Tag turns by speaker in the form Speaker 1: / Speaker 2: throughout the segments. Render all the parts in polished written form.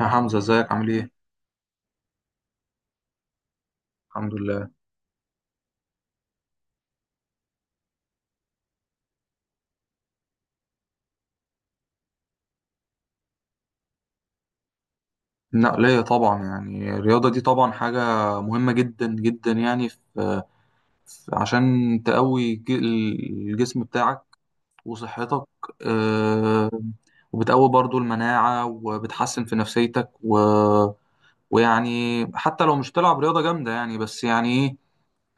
Speaker 1: يا حمزة ازيك عامل ايه؟ الحمد لله. النقلية طبعا يعني الرياضة دي طبعا حاجة مهمة جدا جدا يعني عشان تقوي الجسم بتاعك وصحتك. آه، وبتقوي برضو المناعة وبتحسن في نفسيتك. ويعني حتى لو مش بتلعب رياضة جامدة يعني بس يعني إيه،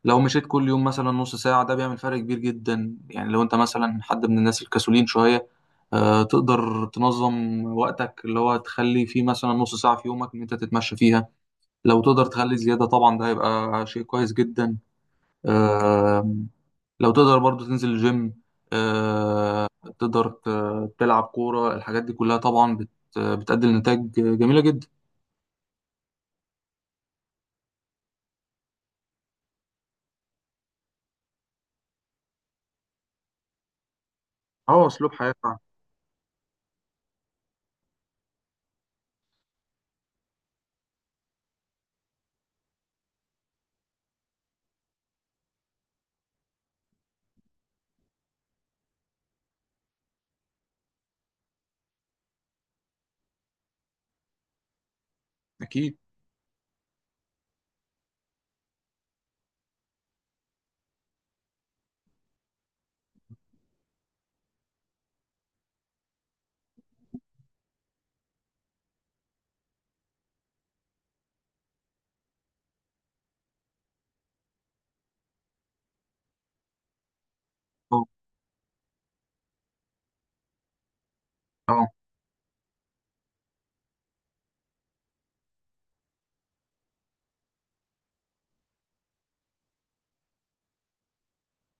Speaker 1: لو مشيت كل يوم مثلا نص ساعة ده بيعمل فرق كبير جدا، يعني لو انت مثلا حد من الناس الكسولين شوية. تقدر تنظم وقتك اللي هو تخلي فيه مثلا نص ساعة في يومك ان انت تتمشى فيها. لو تقدر تخلي زيادة طبعا ده هيبقى شيء كويس جدا. آه، لو تقدر برضو تنزل الجيم. آه، تقدر تلعب كورة. الحاجات دي كلها طبعا بتأدي لنتائج جميلة جدا. اه، اسلوب حياة فعلا. اكيد. اه،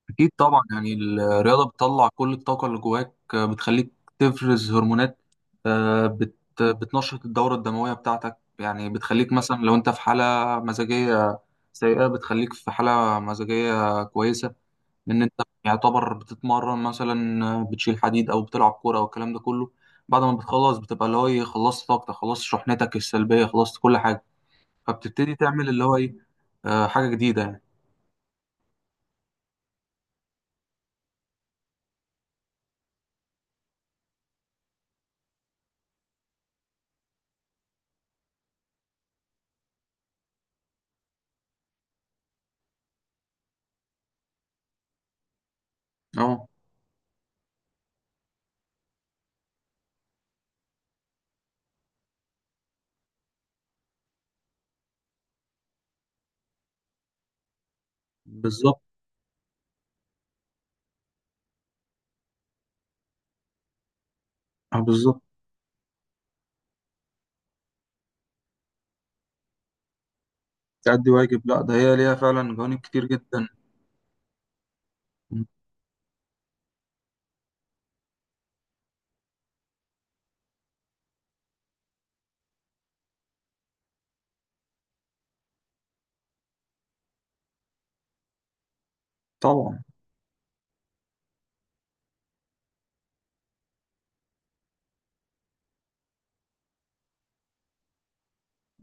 Speaker 1: أكيد طبعا، يعني الرياضة بتطلع كل الطاقة اللي جواك، بتخليك تفرز هرمونات. آه، بت بتنشط الدورة الدموية بتاعتك، يعني بتخليك مثلا لو أنت في حالة مزاجية سيئة بتخليك في حالة مزاجية كويسة، لأن أنت يعتبر بتتمرن مثلا، بتشيل حديد أو بتلعب كورة والكلام ده كله. بعد ما بتخلص بتبقى اللي هو إيه، خلصت طاقتك، خلصت شحنتك السلبية، خلصت كل حاجة، فبتبتدي تعمل اللي هو إيه، حاجة جديدة يعني. أه، بالظبط. بالظبط، تأدي واجب. لا، ده هي ليها فعلا جوانب كتير جدا. م. طبعا.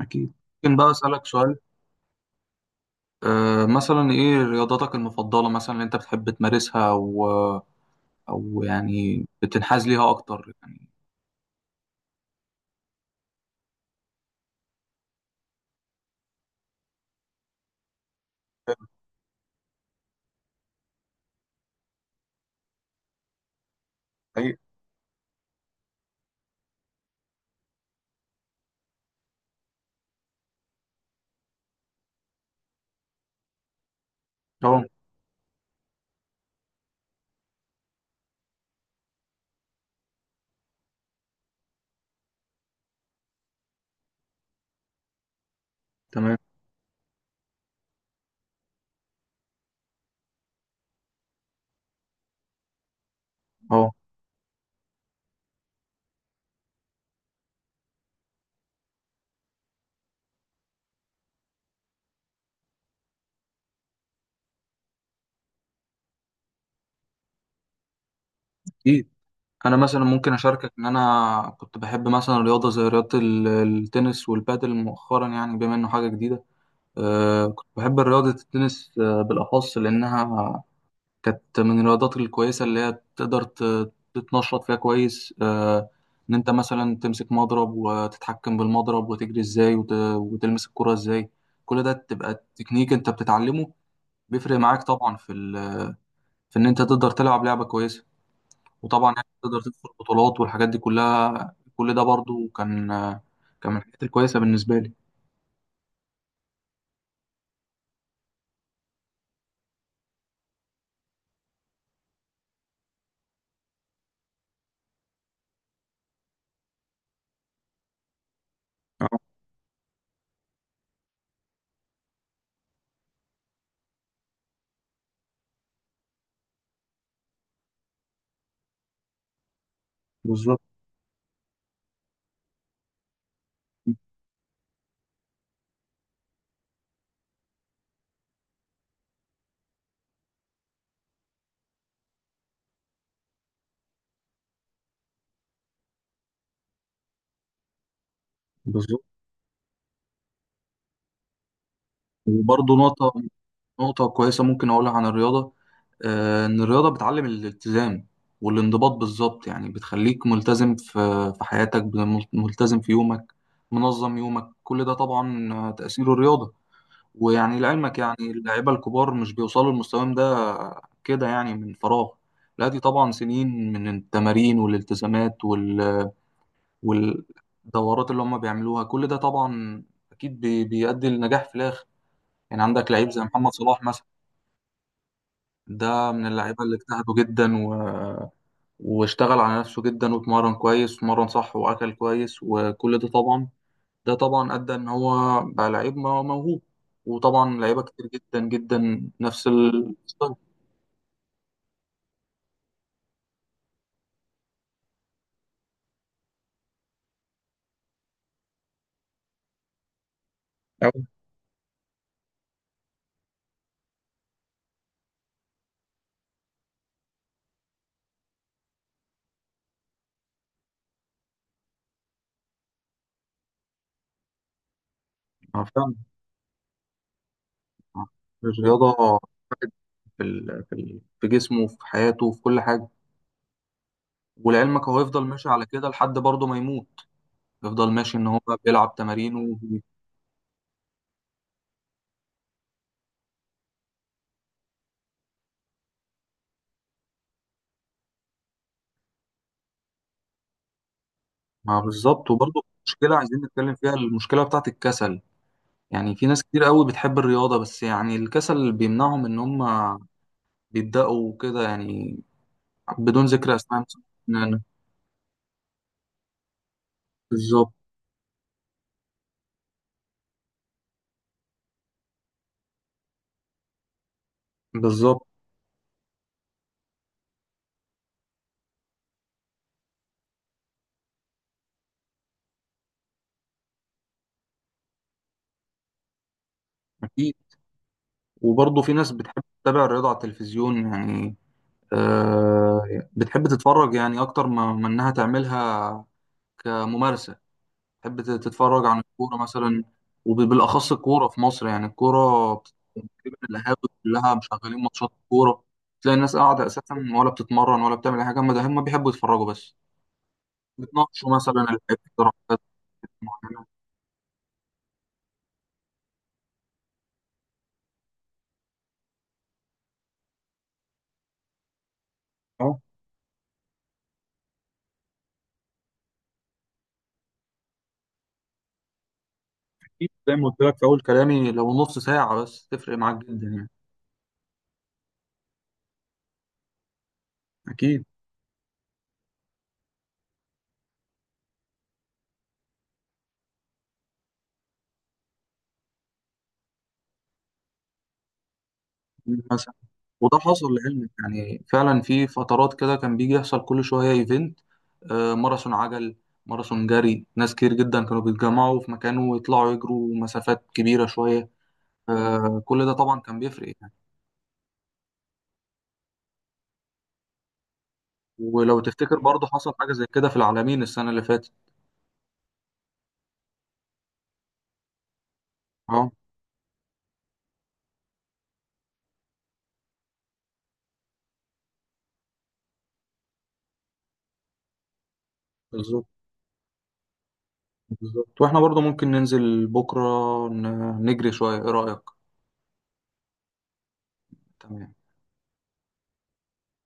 Speaker 1: أكيد. ممكن بقى أسألك سؤال؟ أه، مثلا إيه رياضتك المفضلة مثلا اللي أنت بتحب تمارسها، أو أو يعني بتنحاز ليها أكتر يعني؟ أي. طبعا. تمام. أه. أكيد. أنا مثلا ممكن أشاركك إن أنا كنت بحب مثلا رياضة زي التنس والبادل مؤخرا يعني بما إنه حاجة جديدة. أه، كنت بحب رياضة التنس، بالأخص لأنها كانت من الرياضات الكويسة اللي هي تقدر تتنشط فيها كويس. إن أنت مثلا تمسك مضرب وتتحكم بالمضرب وتجري إزاي وتلمس الكرة إزاي. كل ده تبقى تكنيك أنت بتتعلمه. بيفرق معاك طبعا في إن أنت تقدر تلعب لعبة كويسة. وطبعا يعني تقدر تدخل بطولات والحاجات دي كلها، كل ده برضو كان كان من الحاجات الكويسة بالنسبة لي. بالظبط. بالظبط. وبرضه نقطة نقطة كويسة ممكن أقولها عن الرياضة. إن الرياضة بتعلم الالتزام والانضباط، بالظبط يعني بتخليك ملتزم في في حياتك، ملتزم في يومك، منظم يومك، كل ده طبعا تأثير الرياضة. ويعني لعلمك يعني اللعيبة الكبار مش بيوصلوا لمستواهم ده كده يعني من فراغ. لا، دي طبعا سنين من التمارين والالتزامات والدورات اللي هم بيعملوها، كل ده طبعا أكيد بيؤدي لنجاح في الآخر. يعني عندك لعيب زي محمد صلاح مثلا، ده من اللعيبة اللي اجتهدوا جدا واشتغل على نفسه جدا واتمرن كويس واتمرن صح وأكل كويس وكل ده طبعا، ده طبعا أدى إن هو بقى لعيب موهوب. وطبعا لعيبة كتير جدا جدا نفس الستايل. أوي. آه، فعلا. آه. الرياضة فرقت في جسمه وفي حياته وفي كل حاجة. ولعلمك هو يفضل ماشي على كده لحد برضه ما يموت، يفضل ماشي إن هو بيلعب تمارينه. ما بالظبط. وبرضه المشكلة عايزين نتكلم فيها المشكلة بتاعت الكسل، يعني في ناس كتير قوي بتحب الرياضة بس يعني الكسل بيمنعهم إن هم بيبدأوا كده يعني، بدون ذكر أسماء مثلا. بالظبط. بالظبط. أكيد. وبرضه في ناس بتحب تتابع الرياضة على التلفزيون يعني، آه بتحب تتفرج يعني أكتر ما ما إنها تعملها كممارسة. تحب تتفرج عن الكورة مثلا، وبالأخص الكورة في مصر، يعني تقريبا القهاوي كلها مشغلين ماتشات كورة. تلاقي الناس قاعدة أساسا ولا بتتمرن ولا بتعمل أي حاجة، هما ده هما بيحبوا يتفرجوا بس، بيتناقشوا مثلا الاقتراحات معينة. أه. أكيد. زي ما قلت لك في أول كلامي، لو نص ساعة بس تفرق معاك جدا يعني. أكيد. وده حصل لعلمك يعني فعلا في فترات كده كان بيجي يحصل كل شوية ايفنت، ماراثون عجل، ماراثون جري، ناس كتير جدا كانوا بيتجمعوا في مكان ويطلعوا يجروا مسافات كبيرة شوية. كل ده طبعا كان بيفرق يعني. ولو تفتكر برضه حصل حاجة زي كده في العالمين السنة اللي فاتت. اه. بالظبط. بالظبط. واحنا برضه ممكن ننزل بكرة، نجري شوية، ايه رأيك؟ تمام.